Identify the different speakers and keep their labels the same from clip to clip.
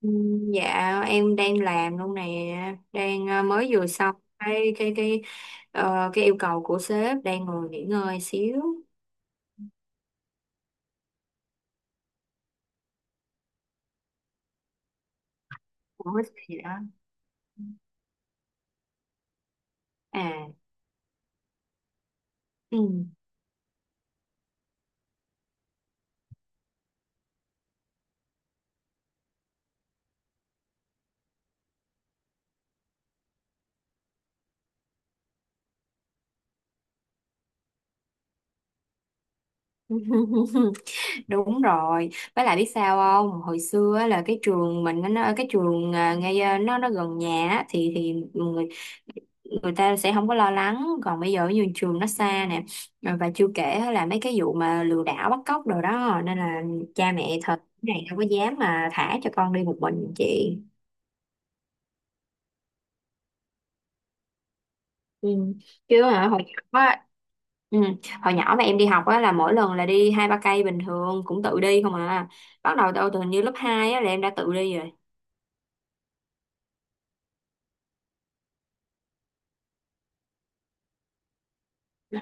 Speaker 1: Ừ, Dạ em đang làm luôn nè, đang mới vừa xong cái yêu cầu của sếp, đang ngồi nghỉ ngơi xíu. Ủa gì đó à ừ. Đúng rồi, với lại biết sao không? Hồi xưa á, là cái trường mình á, nó cái trường ngay nó gần nhà á, thì người người ta sẽ không có lo lắng, còn bây giờ như trường nó xa nè. Và chưa kể á là mấy cái vụ mà lừa đảo bắt cóc đồ đó nên là cha mẹ thật này không có dám mà thả cho con đi một mình chị. Ừ. Chứ hả hồi nhỏ á, ừ. Hồi nhỏ mà em đi học á là mỗi lần là đi hai ba cây bình thường cũng tự đi không à. Bắt đầu từ từ hình như lớp 2 á là em đã tự đi rồi.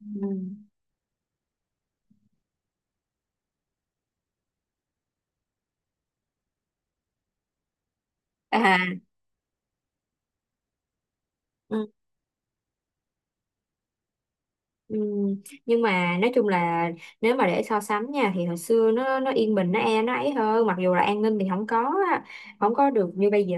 Speaker 1: Ừ. À, ừ, ừ. Nhưng mà nói chung là nếu mà để so sánh nha thì hồi xưa nó yên bình nó ấy hơn, mặc dù là an ninh thì không có á, không có được như bây giờ,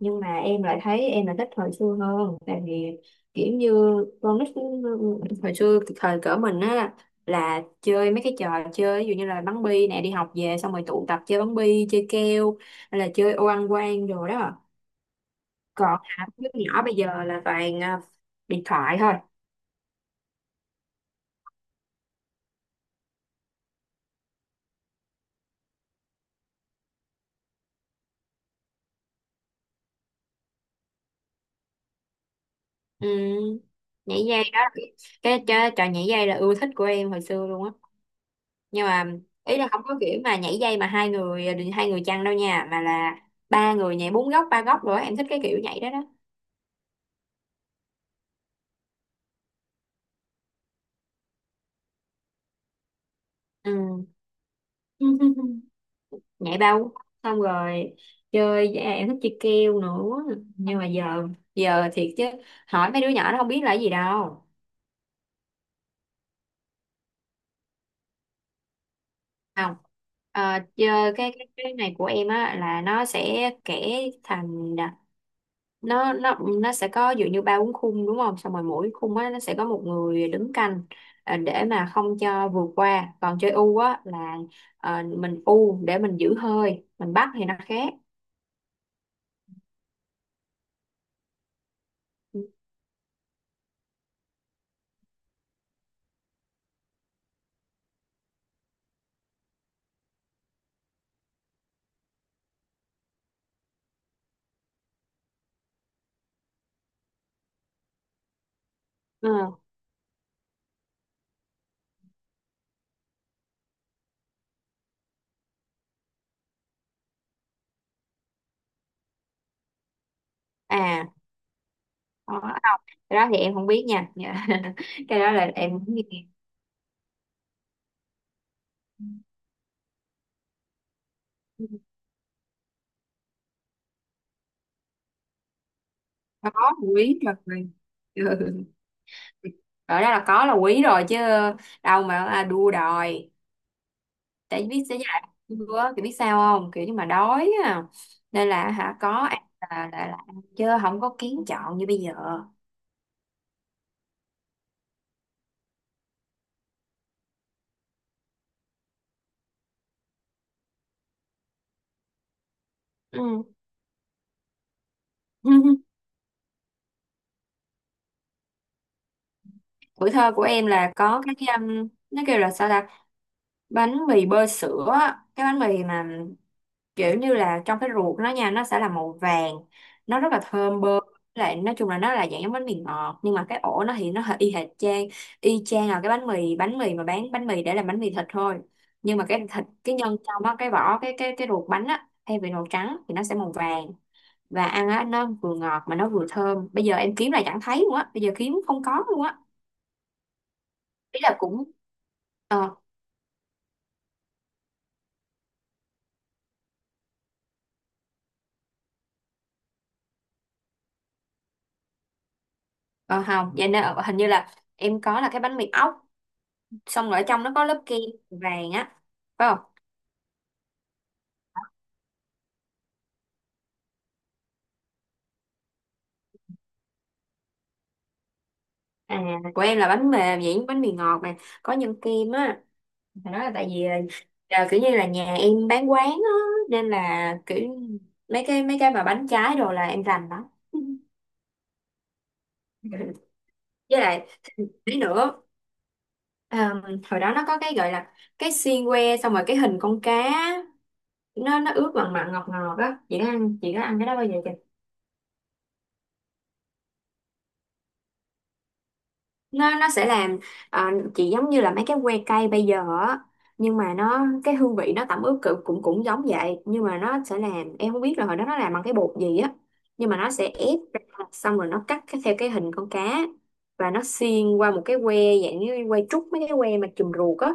Speaker 1: nhưng mà em lại thấy em là thích hồi xưa hơn. Tại vì kiểu như con nít hồi xưa thời cỡ mình á là chơi mấy cái trò chơi, ví dụ như là bắn bi nè, đi học về xong rồi tụ tập chơi bắn bi, chơi keo, hay là chơi ô ăn quan rồi đó. Còn hả đứa nhỏ bây giờ là toàn điện thoại thôi. Ừ. Nhảy dây đó cái trò nhảy dây là ưa thích của em hồi xưa luôn á, nhưng mà ý là không có kiểu mà nhảy dây mà hai người, chăng đâu nha, mà là ba người nhảy, bốn góc, ba góc rồi á. Em thích cái kiểu nhảy đó đó. Ừ. Nhảy bao xong rồi chơi em thích chơi keo nữa, nhưng mà giờ giờ thiệt chứ, hỏi mấy đứa nhỏ nó không biết là cái gì đâu. Không. Chơi cái này của em á là nó sẽ kể thành, nó nó nó sẽ có dụ như ba bốn khung, đúng không, xong rồi mỗi khung á nó sẽ có một người đứng canh, để mà không cho vượt qua. Còn chơi u á là mình u để mình giữ hơi mình bắt thì nó khác. Ừ. À đó. Cái đó thì em không biết nha. Dạ. Cái đó là em không nghe. Có quý rồi. Ừ. Rồi. Đó là có là quý rồi chứ đâu mà đua đòi. Tại biết sẽ dạy bữa kiểu biết sao không, kiểu như mà đói à, nên là có ăn là, ăn chứ không có kiến chọn như bây giờ. Ừ. Tuổi thơ của em là có cái nó kêu là sao ta, bánh mì bơ sữa á. Cái bánh mì mà kiểu như là trong cái ruột nó nha, nó sẽ là màu vàng, nó rất là thơm. Ừ. Bơm lại nói chung là nó là dạng giống bánh mì ngọt, nhưng mà cái ổ nó thì nó hơi y chang là cái bánh mì, mà bán bánh mì để làm bánh mì thịt thôi, nhưng mà cái thịt, cái nhân trong á, cái vỏ, cái ruột bánh á, thay vì màu trắng thì nó sẽ màu vàng, và ăn á nó vừa ngọt mà nó vừa thơm. Bây giờ em kiếm là chẳng thấy luôn á, bây giờ kiếm không có luôn á. Ý là cũng ờ ờ không. Vậy nên hình như là em có là cái bánh mì ốc, xong rồi ở trong nó có lớp kem vàng á, phải không? À của em là bánh mềm vậy, bánh mì ngọt mà có nhân kem á. Phải nói là tại vì là kiểu như là nhà em bán quán á, nên là kiểu mấy cái mà bánh trái đồ là em rành đó. Với lại tí nữa ờm, hồi đó nó có cái gọi là cái xiên que, xong rồi cái hình con cá, nó ướp mặn mặn ngọt ngọt á. Chị có ăn cái đó bao giờ? Nó sẽ làm, chỉ giống như là mấy cái que cây bây giờ á, nhưng mà nó cái hương vị nó tẩm ướp cũng cũng cũng giống vậy, nhưng mà nó sẽ làm, em không biết là hồi đó nó làm bằng cái bột gì á, nhưng mà nó sẽ ép ra, xong rồi nó cắt theo cái hình con cá, và nó xiên qua một cái que, dạng như que trúc, mấy cái que mà chùm ruột á,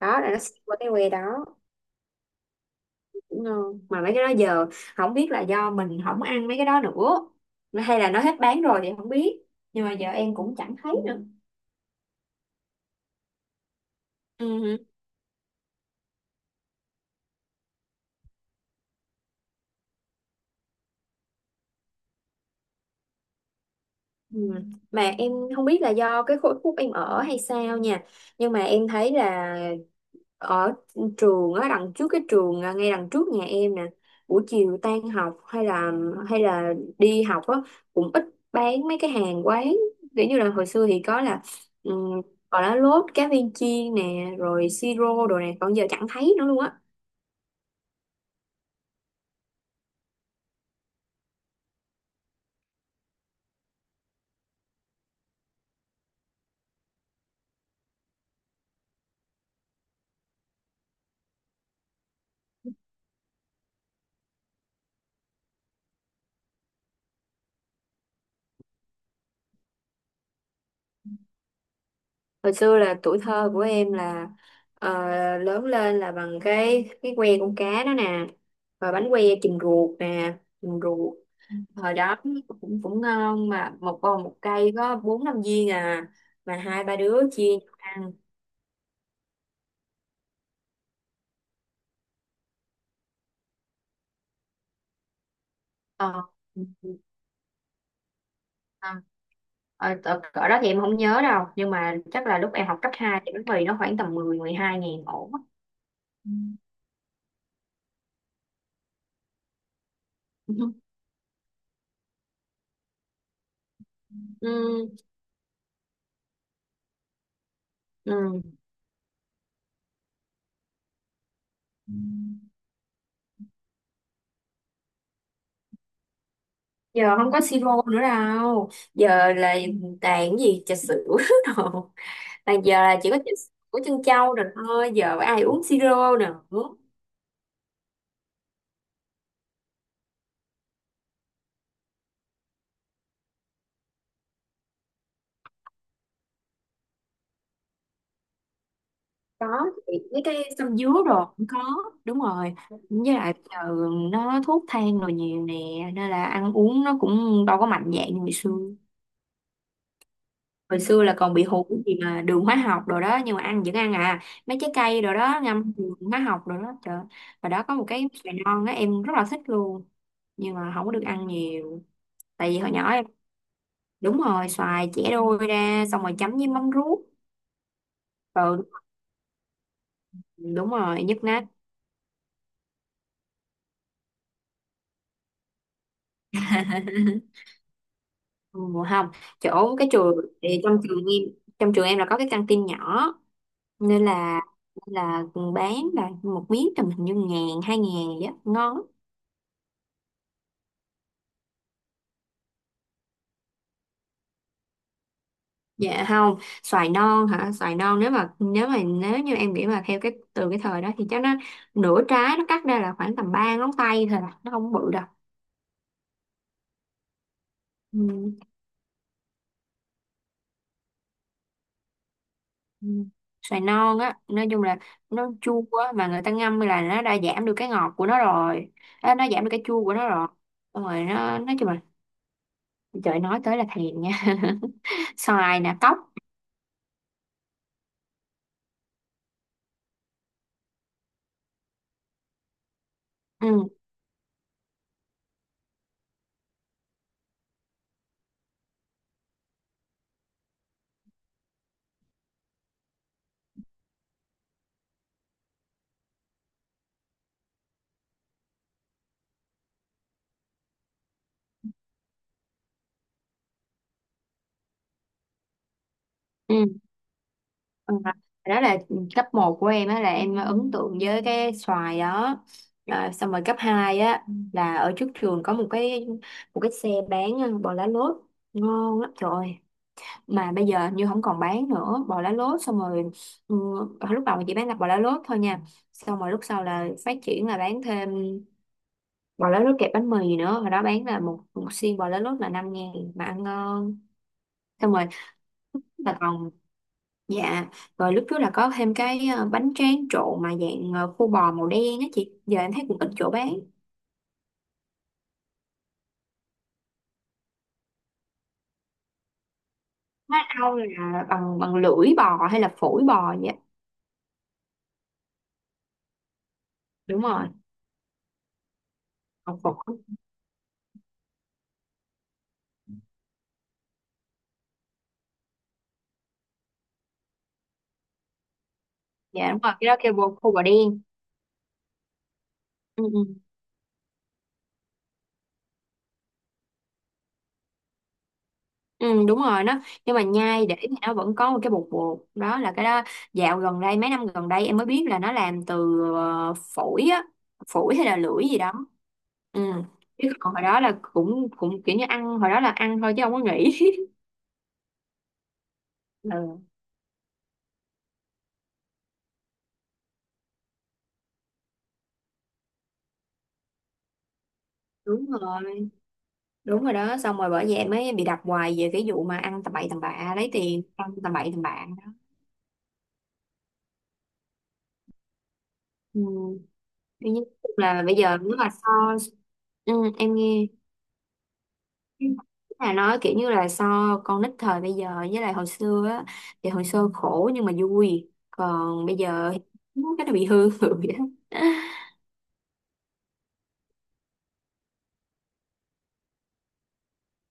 Speaker 1: đó là nó xiên qua cái que đó. Đúng không? Mà mấy cái đó giờ, không biết là do mình không ăn mấy cái đó nữa hay là nó hết bán rồi thì không biết, nhưng mà giờ em cũng chẳng thấy nữa. Ừ. Ừ. Mà em không biết là do cái khối khúc em ở hay sao nha, nhưng mà em thấy là ở trường á, đằng trước cái trường ngay đằng trước nhà em nè, buổi chiều tan học hay là, đi học á cũng ít bán mấy cái hàng quán. Kiểu như là hồi xưa thì có là um, gọi là lốt cá viên chiên nè rồi siro đồ nè, còn giờ chẳng thấy nữa luôn á. Hồi xưa là tuổi thơ của em là ờ, lớn lên là bằng cái que con cá đó nè, rồi bánh que chìm ruột nè, chìm ruột hồi đó cũng cũng ngon, mà một vòng một cây có bốn năm viên à, mà hai ba đứa chia nhau ăn. ờ ờ, cỡ cỡ đó thì em không nhớ đâu, nhưng mà chắc là lúc em học cấp 2 thì bánh mì nó khoảng tầm mười mười hai ngàn ổ. Ừ. Ừ. Ừ. Giờ không có siro nữa đâu, giờ là toàn cái gì trà sữa. Đồ toàn, giờ là chỉ có trà sữa trân châu rồi, thôi giờ ai uống siro nữa. Có thì mấy cái sâm dứa rồi cũng có. Đúng rồi, với lại giờ nó thuốc thang rồi nhiều nè, nên là ăn uống nó cũng đâu có mạnh dạn như hồi xưa. Hồi xưa là còn bị hụt cái gì mà đường hóa học rồi đó, nhưng mà ăn vẫn ăn à. Mấy trái cây rồi đó, ngâm đường hóa học rồi đó trời. Và đó có một cái xoài non á em rất là thích luôn, nhưng mà không có được ăn nhiều. Tại vì hồi nhỏ em, đúng rồi xoài chẻ đôi ra xong rồi chấm với mắm ruốc. Ừ, đúng rồi, nhức nách. Ừ, không, chỗ cái trường, thì trong trường em, là có cái căng tin nhỏ, nên là nên là bán là một miếng tầm hình như ngàn hai ngàn vậy á, ngon lắm. Dạ không. Xoài non hả, xoài non, nếu như em nghĩ mà theo cái từ cái thời đó thì chắc nó, nửa trái nó cắt ra là khoảng tầm ba ngón tay thôi à, nó không bự đâu. Ừ. Ừ. Xoài non á nói chung là nó chua á, mà người ta ngâm là nó đã giảm được cái ngọt của nó rồi. Ê, nó giảm được cái chua của nó rồi. Xong rồi nó nói chung là, trời nói tới là thèm nha. Xoài nè, cóc. Ừ. Ừ. Ừ. Đó là cấp một của em á, là em ấn tượng với cái xoài đó. Xong rồi cấp 2 á là ở trước trường có một cái xe bán bò lá lốt, ngon lắm trời, mà bây giờ như không còn bán nữa bò lá lốt. Xong rồi ừ, lúc đầu mình chỉ bán là bò lá lốt thôi nha, xong rồi lúc sau là phát triển là bán thêm bò lá lốt kẹp bánh mì nữa. Hồi đó bán là một xiên bò lá lốt là 5 ngàn mà ăn ngon. Xong rồi là còn, dạ rồi, lúc trước là có thêm cái bánh tráng trộn mà dạng khô bò màu đen á chị, giờ em thấy cũng ít chỗ bán. Nó đâu là bằng bằng lưỡi bò hay là phổi bò vậy. Đúng rồi, còn phổi. Dạ đúng rồi, cái đó kêu khô bò đen. Ừ, ừ. Ừ, đúng rồi nó, nhưng mà nhai để thì nó vẫn có một cái bột bột đó, là cái đó dạo gần đây, mấy năm gần đây em mới biết là nó làm từ phổi á, phổi hay là lưỡi gì đó. Ừ. Chứ còn hồi đó là cũng cũng kiểu như ăn, hồi đó là ăn thôi chứ không có nghĩ. Ừ. Đúng rồi, đúng rồi đó. Xong rồi bởi vậy em mới bị đặt hoài về cái vụ mà ăn tầm bậy tầm bạ, lấy tiền ăn tầm bậy tầm bạ đó. Ừ. Tuy nhiên là bây giờ nếu mà so, ừ, em nghe, là nói kiểu như là so con nít thời bây giờ với lại hồi xưa á, thì hồi xưa khổ nhưng mà vui, còn bây giờ thì cái nó bị hư vậy đó.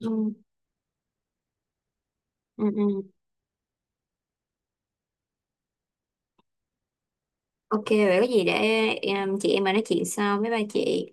Speaker 1: Ừ, ừ, ừ. Ok vậy có gì để em, chị em mà nói chuyện sau với ba chị.